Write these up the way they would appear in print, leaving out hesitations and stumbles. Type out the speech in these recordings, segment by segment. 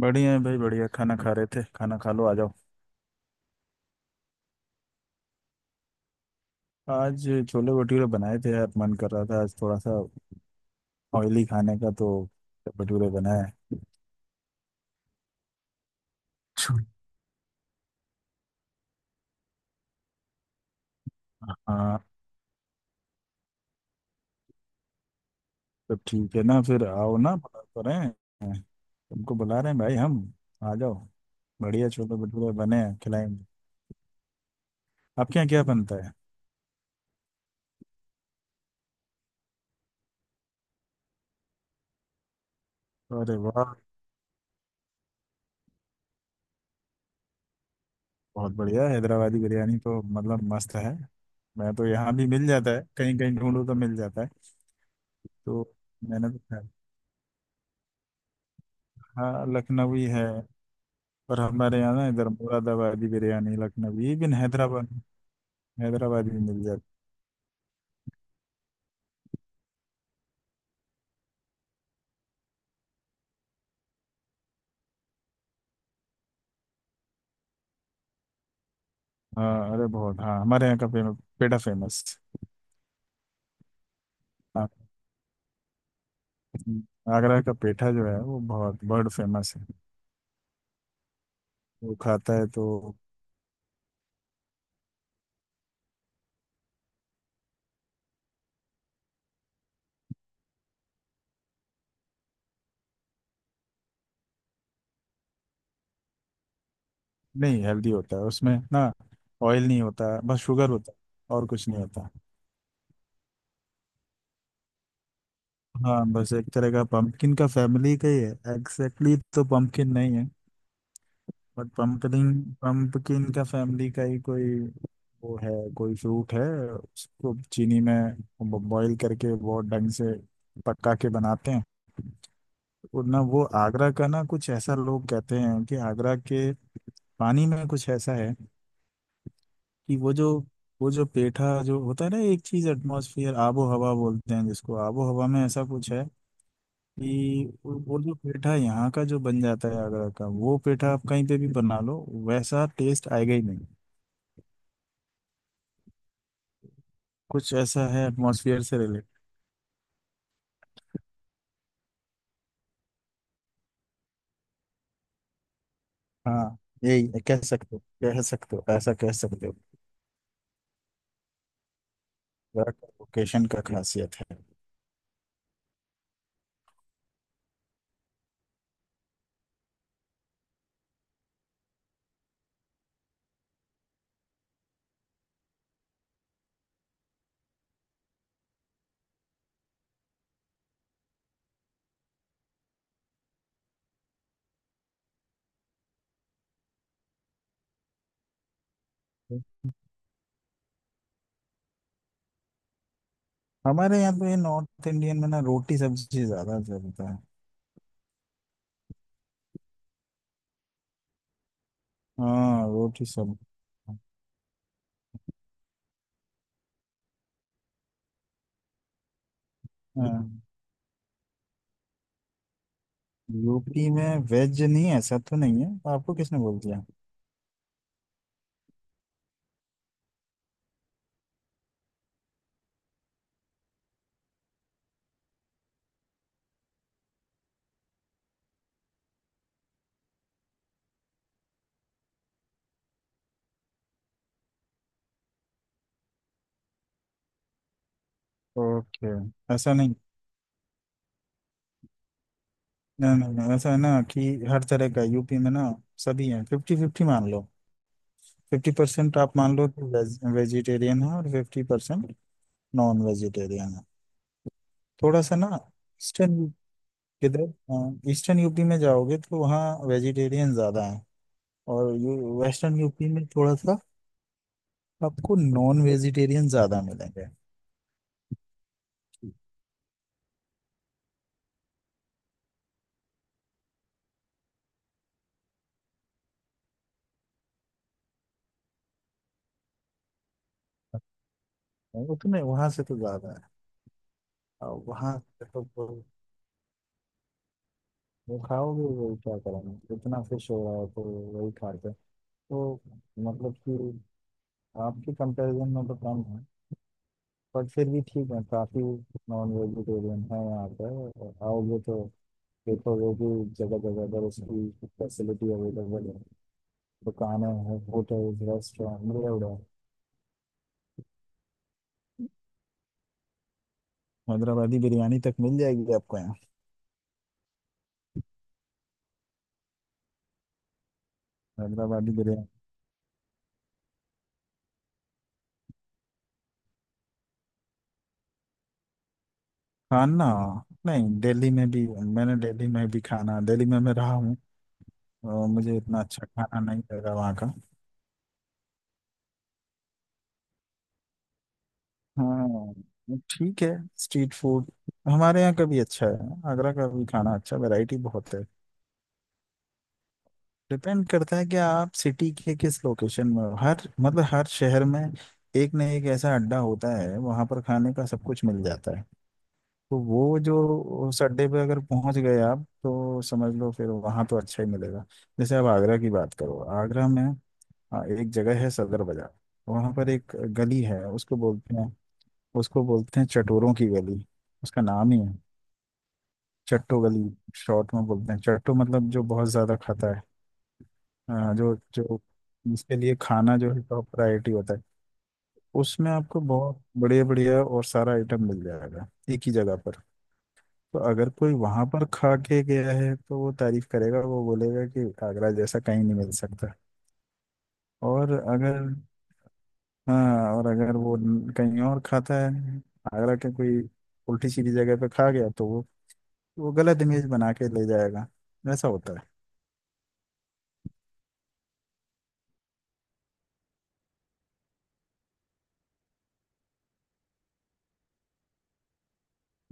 बढ़िया है भाई। बढ़िया खाना खा रहे थे। खाना खा लो, आ जाओ। आज छोले भटूरे बनाए थे यार। मन कर रहा था आज थोड़ा सा ऑयली खाने का, तो भटूरे बनाए। छोले। हाँ, तो ठीक है ना, फिर आओ ना, बुला तो रहे हैं। तुमको बुला रहे हैं भाई हम, आ जाओ। बढ़िया छोले भटूरे बने हैं, खिलाएंगे। आपके यहाँ क्या बनता है? अरे वाह। बहुत बढ़िया, हैदराबादी बिरयानी तो मतलब मस्त है। मैं तो यहाँ भी मिल जाता है, कहीं कहीं ढूंढो तो मिल जाता है। तो मैंने तो खाया। हाँ, लखनवी है। पर हमारे यहाँ ना, इधर मुरादाबादी बिरयानी, लखनवी, इवन हैदराबाद, हैदराबादी भी मिल जाती है। हाँ, अरे बहुत। हाँ, हमारे यहाँ का फेमस पेठा, फेमस। हाँ, आगरा का पेठा जो है वो बहुत बर्ड फेमस है। वो खाता है तो नहीं, हेल्दी होता है उसमें ना। ऑयल नहीं होता है, बस शुगर होता है और कुछ नहीं होता। हाँ, बस एक तरह का पंपकिन का फैमिली का ही है। एग्जैक्टली तो पंपकिन नहीं है बट पंपकिन, पंपकिन का फैमिली का ही कोई वो है, कोई फ्रूट है। उसको चीनी में बॉईल करके बहुत ढंग से पका के बनाते हैं। और ना, वो आगरा का ना कुछ ऐसा, लोग कहते हैं कि आगरा के पानी में कुछ ऐसा है कि वो जो पेठा जो होता है ना, एक चीज एटमॉस्फेयर, आबो हवा बोलते हैं जिसको, आबो हवा में ऐसा कुछ है कि वो जो पेठा यहाँ का जो बन जाता है आगरा का, वो पेठा आप कहीं पे भी बना लो वैसा टेस्ट आएगा ही नहीं। कुछ ऐसा है एटमॉस्फेयर से रिलेटेड। हाँ, यही कह सकते हो ऐसा कह सकते हो। लोकेशन का खासियत है। हमारे यहाँ पे नॉर्थ इंडियन में ना, रोटी सब्जी ज्यादा चलता है। हाँ, रोटी सब्जी। हाँ, यूपी में वेज नहीं है ऐसा तो नहीं है। आपको किसने बोल दिया? ओके, ऐसा नहीं। नहीं नहीं नहीं, ऐसा है ना कि हर तरह का यूपी में ना सभी है। फिफ्टी फिफ्टी मान लो। फिफ्टी परसेंट आप मान लो कि वेज, वेजिटेरियन है और फिफ्टी परसेंट नॉन वेजिटेरियन। थोड़ा सा ना, ईस्टर्न किधर, ईस्टर्न यूपी में जाओगे तो वहाँ वेजिटेरियन ज़्यादा हैं। और ये वेस्टर्न यूपी में थोड़ा सा आपको नॉन वेजिटेरियन ज़्यादा मिलेंगे। उतने वहाँ से तो ज़्यादा है। और वहाँ से तो वो खाओगे, वही क्या करेंगे, इतना फिश हो रहा है तो वही खाते हैं। तो मतलब कि आपके कंपैरिजन में तो कम है पर फिर भी ठीक है, काफ़ी नॉन वेजिटेरियन है यहाँ पे। आओगे तो देखोगे कि जगह जगह पर उसकी फैसिलिटी अवेलेबल है, दुकानें हैं, होटल्स रेस्टोरेंट मिले हुए हैं। हैदराबादी बिरयानी तक मिल जाएगी आपको यहाँ। हैदराबादी बिरयानी खाना? नहीं, दिल्ली में भी मैंने दिल्ली में भी खाना, दिल्ली में मैं रहा हूँ और मुझे इतना अच्छा खाना नहीं लगा वहाँ का। हाँ, ठीक है। स्ट्रीट फूड हमारे यहाँ का भी अच्छा है, आगरा का भी खाना अच्छा, वैरायटी बहुत है। डिपेंड करता है कि आप सिटी के किस लोकेशन में हो। हर मतलब हर शहर में एक न एक ऐसा अड्डा होता है, वहां पर खाने का सब कुछ मिल जाता है। तो वो जो उस अड्डे पे अगर पहुंच गए आप तो समझ लो फिर, वहां तो अच्छा ही मिलेगा। जैसे आप आगरा की बात करो, आगरा में हाँ, एक जगह है सदर बाजार। वहां पर एक गली है, उसको बोलते हैं चटोरों की गली। उसका नाम ही है चट्टो गली, शॉर्ट में बोलते हैं चट्टो, मतलब जो बहुत ज्यादा खाता है। हाँ, जो जो इसके लिए खाना जो है टॉप प्रायोरिटी होता है, उसमें आपको बहुत बढ़िया बढ़िया और सारा आइटम मिल जाएगा एक ही जगह पर। तो अगर कोई वहां पर खा के गया है तो वो तारीफ करेगा, वो बोलेगा कि आगरा जैसा कहीं नहीं मिल सकता। और अगर हाँ, और अगर वो कहीं और खाता है, आगरा के कोई उल्टी सीधी जगह पे खा गया तो वो गलत इमेज बना के ले जाएगा। ऐसा होता है।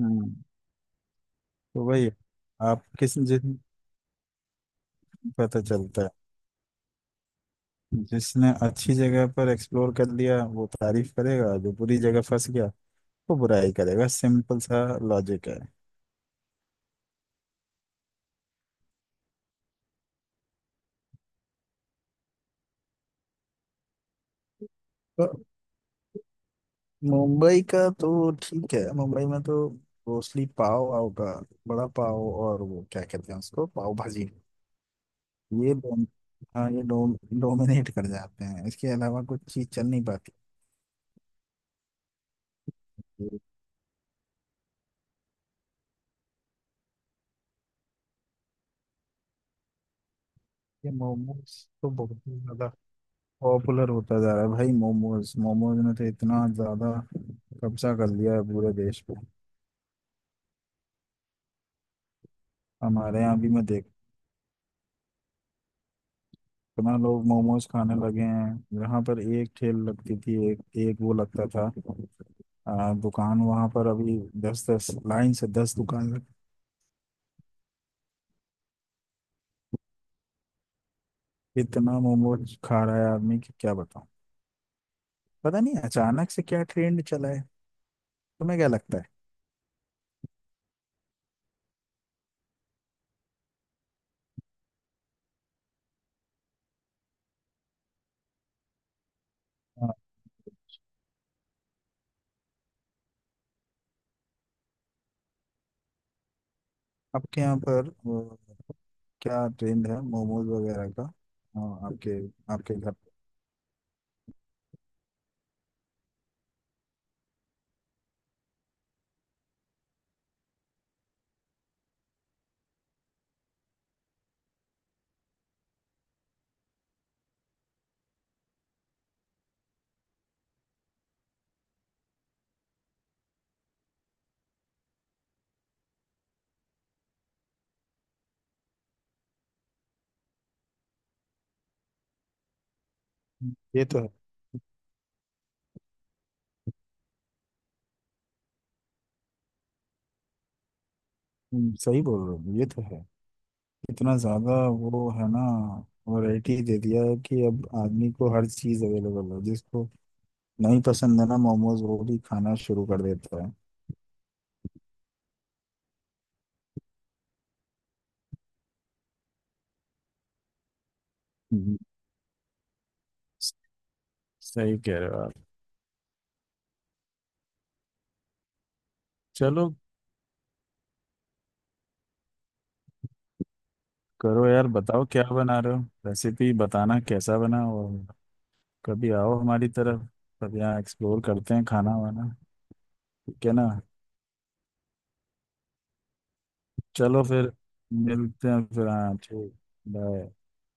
हम्म तो वही, आप किस जिस पता चलता है। जिसने अच्छी जगह पर एक्सप्लोर कर लिया वो तारीफ करेगा, जो बुरी जगह फंस गया वो बुराई करेगा, सिंपल सा लॉजिक है। तो मुंबई का तो ठीक है, मुंबई में तो मोस्टली पाव होगा, बड़ा पाव और वो क्या कहते हैं उसको, पाव भाजी। ये दोनों हाँ, ये डोमिनेट कर जाते हैं, इसके अलावा कुछ चीज चल नहीं पाती। ये मोमोज तो बहुत ही ज्यादा पॉपुलर होता जा रहा है भाई। मोमोज मोमोज ने तो इतना ज्यादा कब्जा कर लिया है पूरे देश। हमारे यहाँ भी मैं देख इतना लोग मोमोज खाने लगे हैं। यहाँ पर एक ठेल लगती थी, एक एक वो लगता था, दुकान वहां पर अभी दस दस लाइन से दस दुकान लग-। इतना मोमोज खा रहा है आदमी कि क्या बताऊं। पता नहीं अचानक से क्या ट्रेंड चला है। तुम्हें क्या लगता है? हाँ, आपके यहाँ पर वो, क्या ट्रेंड है मोमोज वगैरह का? हाँ, आपके आपके घर पे। ये तो है। सही बोल रहे हो, ये तो है। इतना ज्यादा वो है ना, वैरायटी दे दिया है कि अब आदमी को हर चीज अवेलेबल है, जिसको नहीं पसंद है ना मोमोज वो भी खाना शुरू कर देता है। हम्म, सही कह रहे हो आप। चलो, करो यार, बताओ क्या बना रहे हो, रेसिपी बताना कैसा बना। और कभी आओ हमारी तरफ, तब यहाँ एक्सप्लोर करते हैं खाना वाना। ठीक है ना? चलो फिर, मिलते हैं फिर, हाँ ठीक। बाय।